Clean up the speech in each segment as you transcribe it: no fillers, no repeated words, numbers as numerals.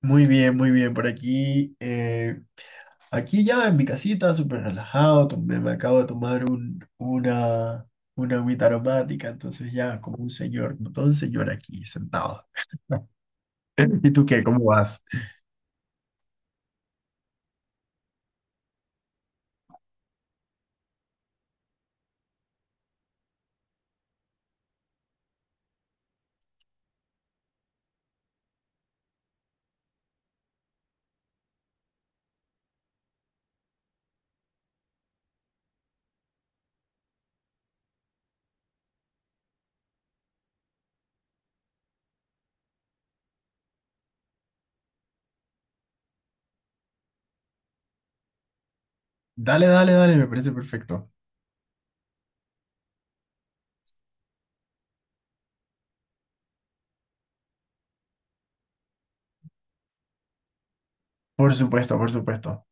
Muy bien, muy bien. Por aquí, aquí ya en mi casita, súper relajado. Me acabo de tomar una agüita aromática, entonces ya como un señor, como todo un señor aquí sentado. ¿Y tú qué? ¿Cómo vas? Dale, dale, dale, me parece perfecto. Por supuesto, por supuesto.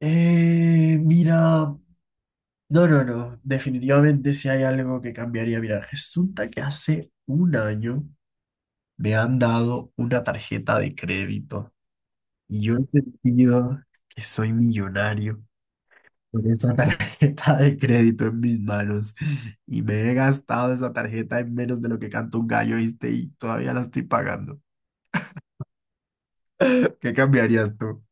Mira, no, no, no. Definitivamente si hay algo que cambiaría. Mira, resulta que hace un año me han dado una tarjeta de crédito. Y yo he sentido que soy millonario con esa tarjeta de crédito en mis manos. Y me he gastado esa tarjeta en menos de lo que canta un gallo, ¿viste? Y todavía la estoy pagando. ¿Qué cambiarías tú?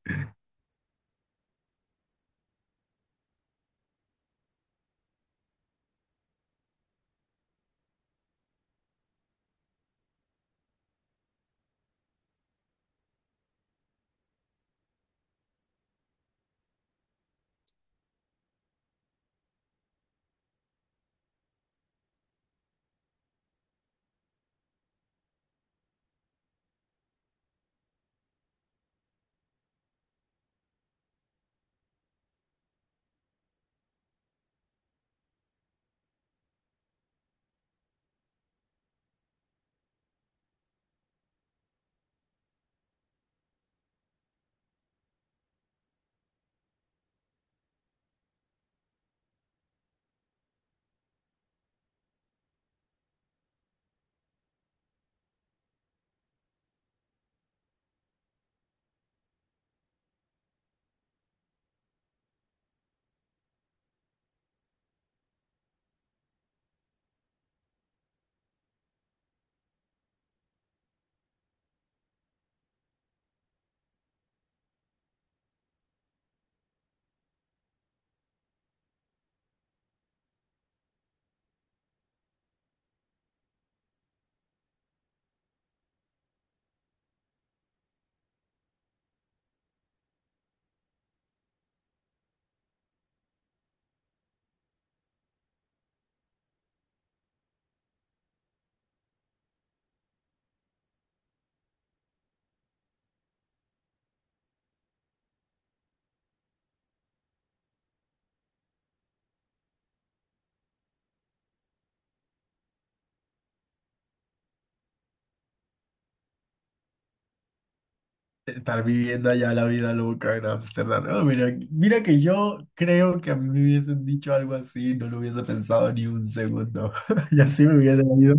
Estar viviendo allá la vida loca en Ámsterdam. Ah, mira, mira que yo creo que a mí me hubiesen dicho algo así, no lo hubiese pensado ni un segundo. Y así me hubiera ido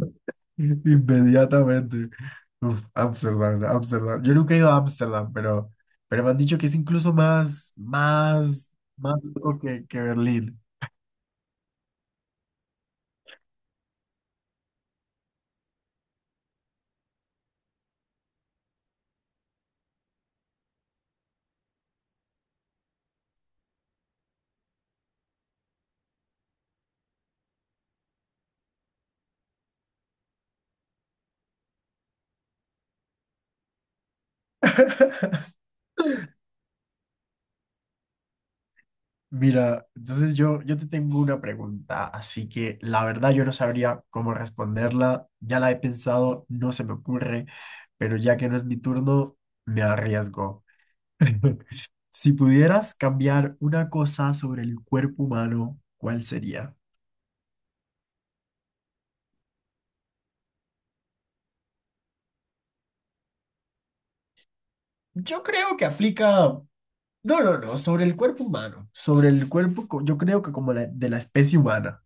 inmediatamente. Uf, Ámsterdam, Ámsterdam. Yo nunca he ido a Ámsterdam, pero me han dicho que es incluso más, más, más loco que Berlín. Mira, entonces yo te tengo una pregunta, así que la verdad yo no sabría cómo responderla, ya la he pensado, no se me ocurre, pero ya que no es mi turno, me arriesgo. Si pudieras cambiar una cosa sobre el cuerpo humano, ¿cuál sería? Yo creo que aplica, no, no, no, sobre el cuerpo humano, sobre el cuerpo, yo creo que como de la especie humana.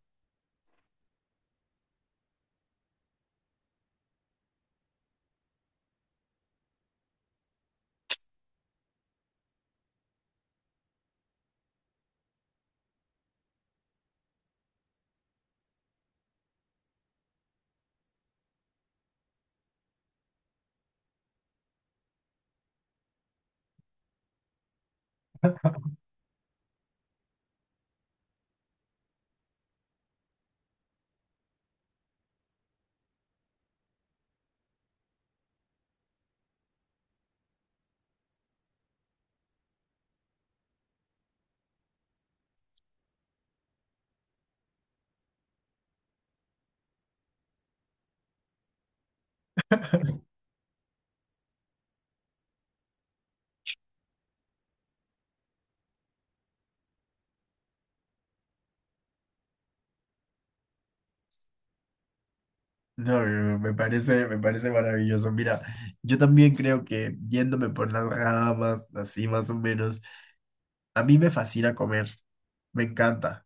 No, me parece, me parece maravilloso. Mira, yo también creo que yéndome por las ramas, así más o menos, a mí me fascina comer, me encanta,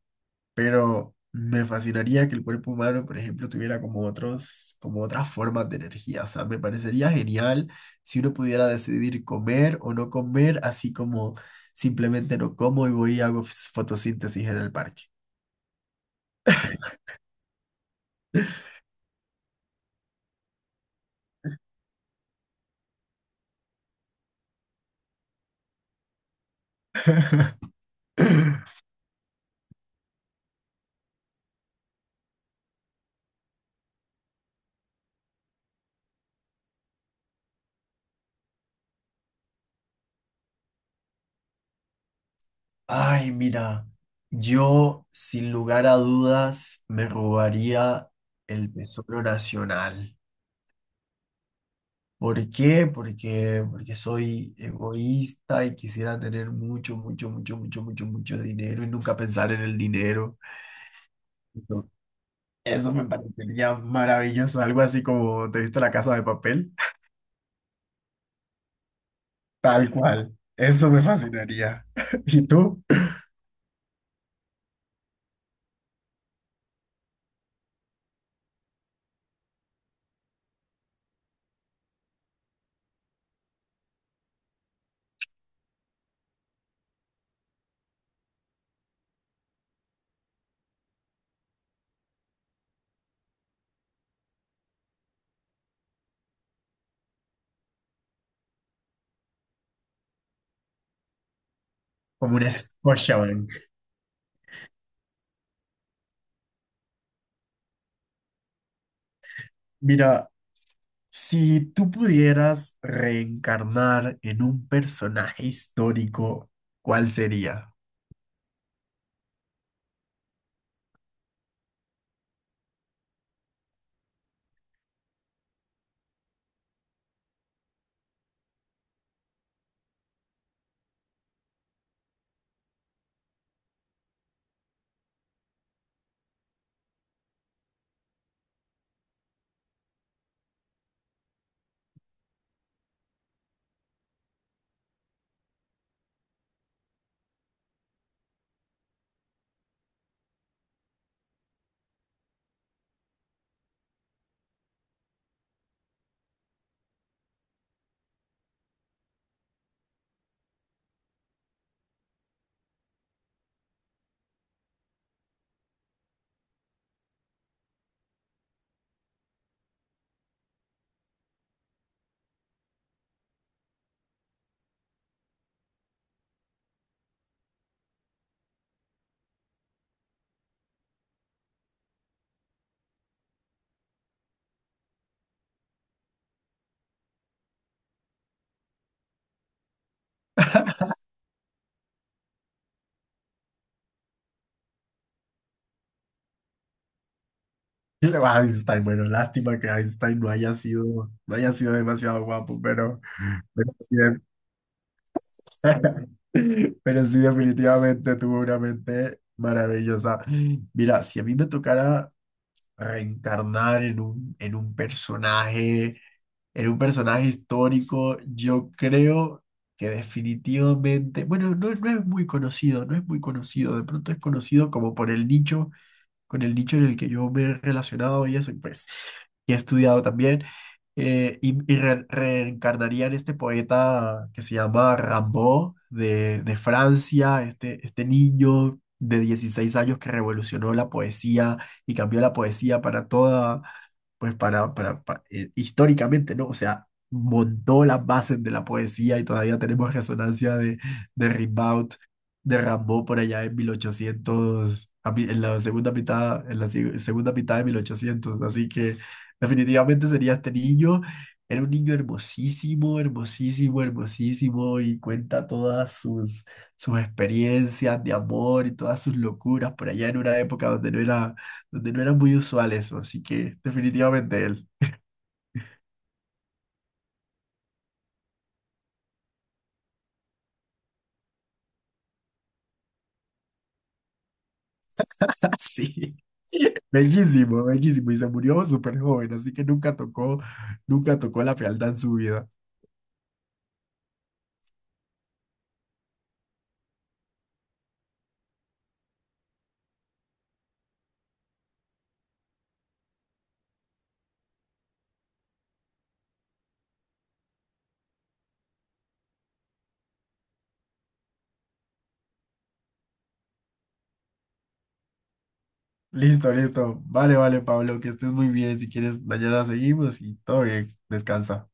pero me fascinaría que el cuerpo humano, por ejemplo, tuviera como otros, como otras formas de energía. O sea, me parecería genial si uno pudiera decidir comer o no comer, así como simplemente no como y voy y hago fotosíntesis en el parque. Ay, mira, yo sin lugar a dudas me robaría el Tesoro Nacional. ¿Por qué? Porque, porque soy egoísta y quisiera tener mucho, mucho, mucho, mucho, mucho, mucho dinero y nunca pensar en el dinero. Entonces, eso me parecería maravilloso, algo así como ¿te viste La Casa de Papel? Tal cual, eso me fascinaría. ¿Y tú? Como un Scotiabank. Mira, si tú pudieras reencarnar en un personaje histórico, ¿cuál sería? Einstein, bueno, lástima que Einstein no haya sido, no haya sido demasiado guapo, pero sí, pero sí definitivamente tuvo una mente maravillosa. Mira, si a mí me tocara reencarnar en en un personaje. Era un personaje histórico, yo creo que definitivamente, bueno, no, no es muy conocido, no es muy conocido, de pronto es conocido como por el nicho con el nicho en el que yo me he relacionado y eso, y pues, y he estudiado también. Reencarnaría en este poeta que se llama Rimbaud de Francia, este niño de 16 años que revolucionó la poesía y cambió la poesía para toda, pues históricamente, ¿no? O sea, montó las bases de la poesía y todavía tenemos resonancia de Rimbaud de Rambo por allá en 1800, en la segunda mitad, en la segunda mitad de mil ochocientos. Así que definitivamente sería este niño. Era un niño hermosísimo, hermosísimo, hermosísimo y cuenta todas sus, sus experiencias de amor y todas sus locuras por allá en una época donde no era muy usual eso. Así que definitivamente él. Sí. Bellísimo, bellísimo. Y se murió súper joven, así que nunca tocó, nunca tocó la fealdad en su vida. Listo, listo. Vale, vale, Pablo, que estés muy bien. Si quieres, mañana seguimos y todo bien. Descansa.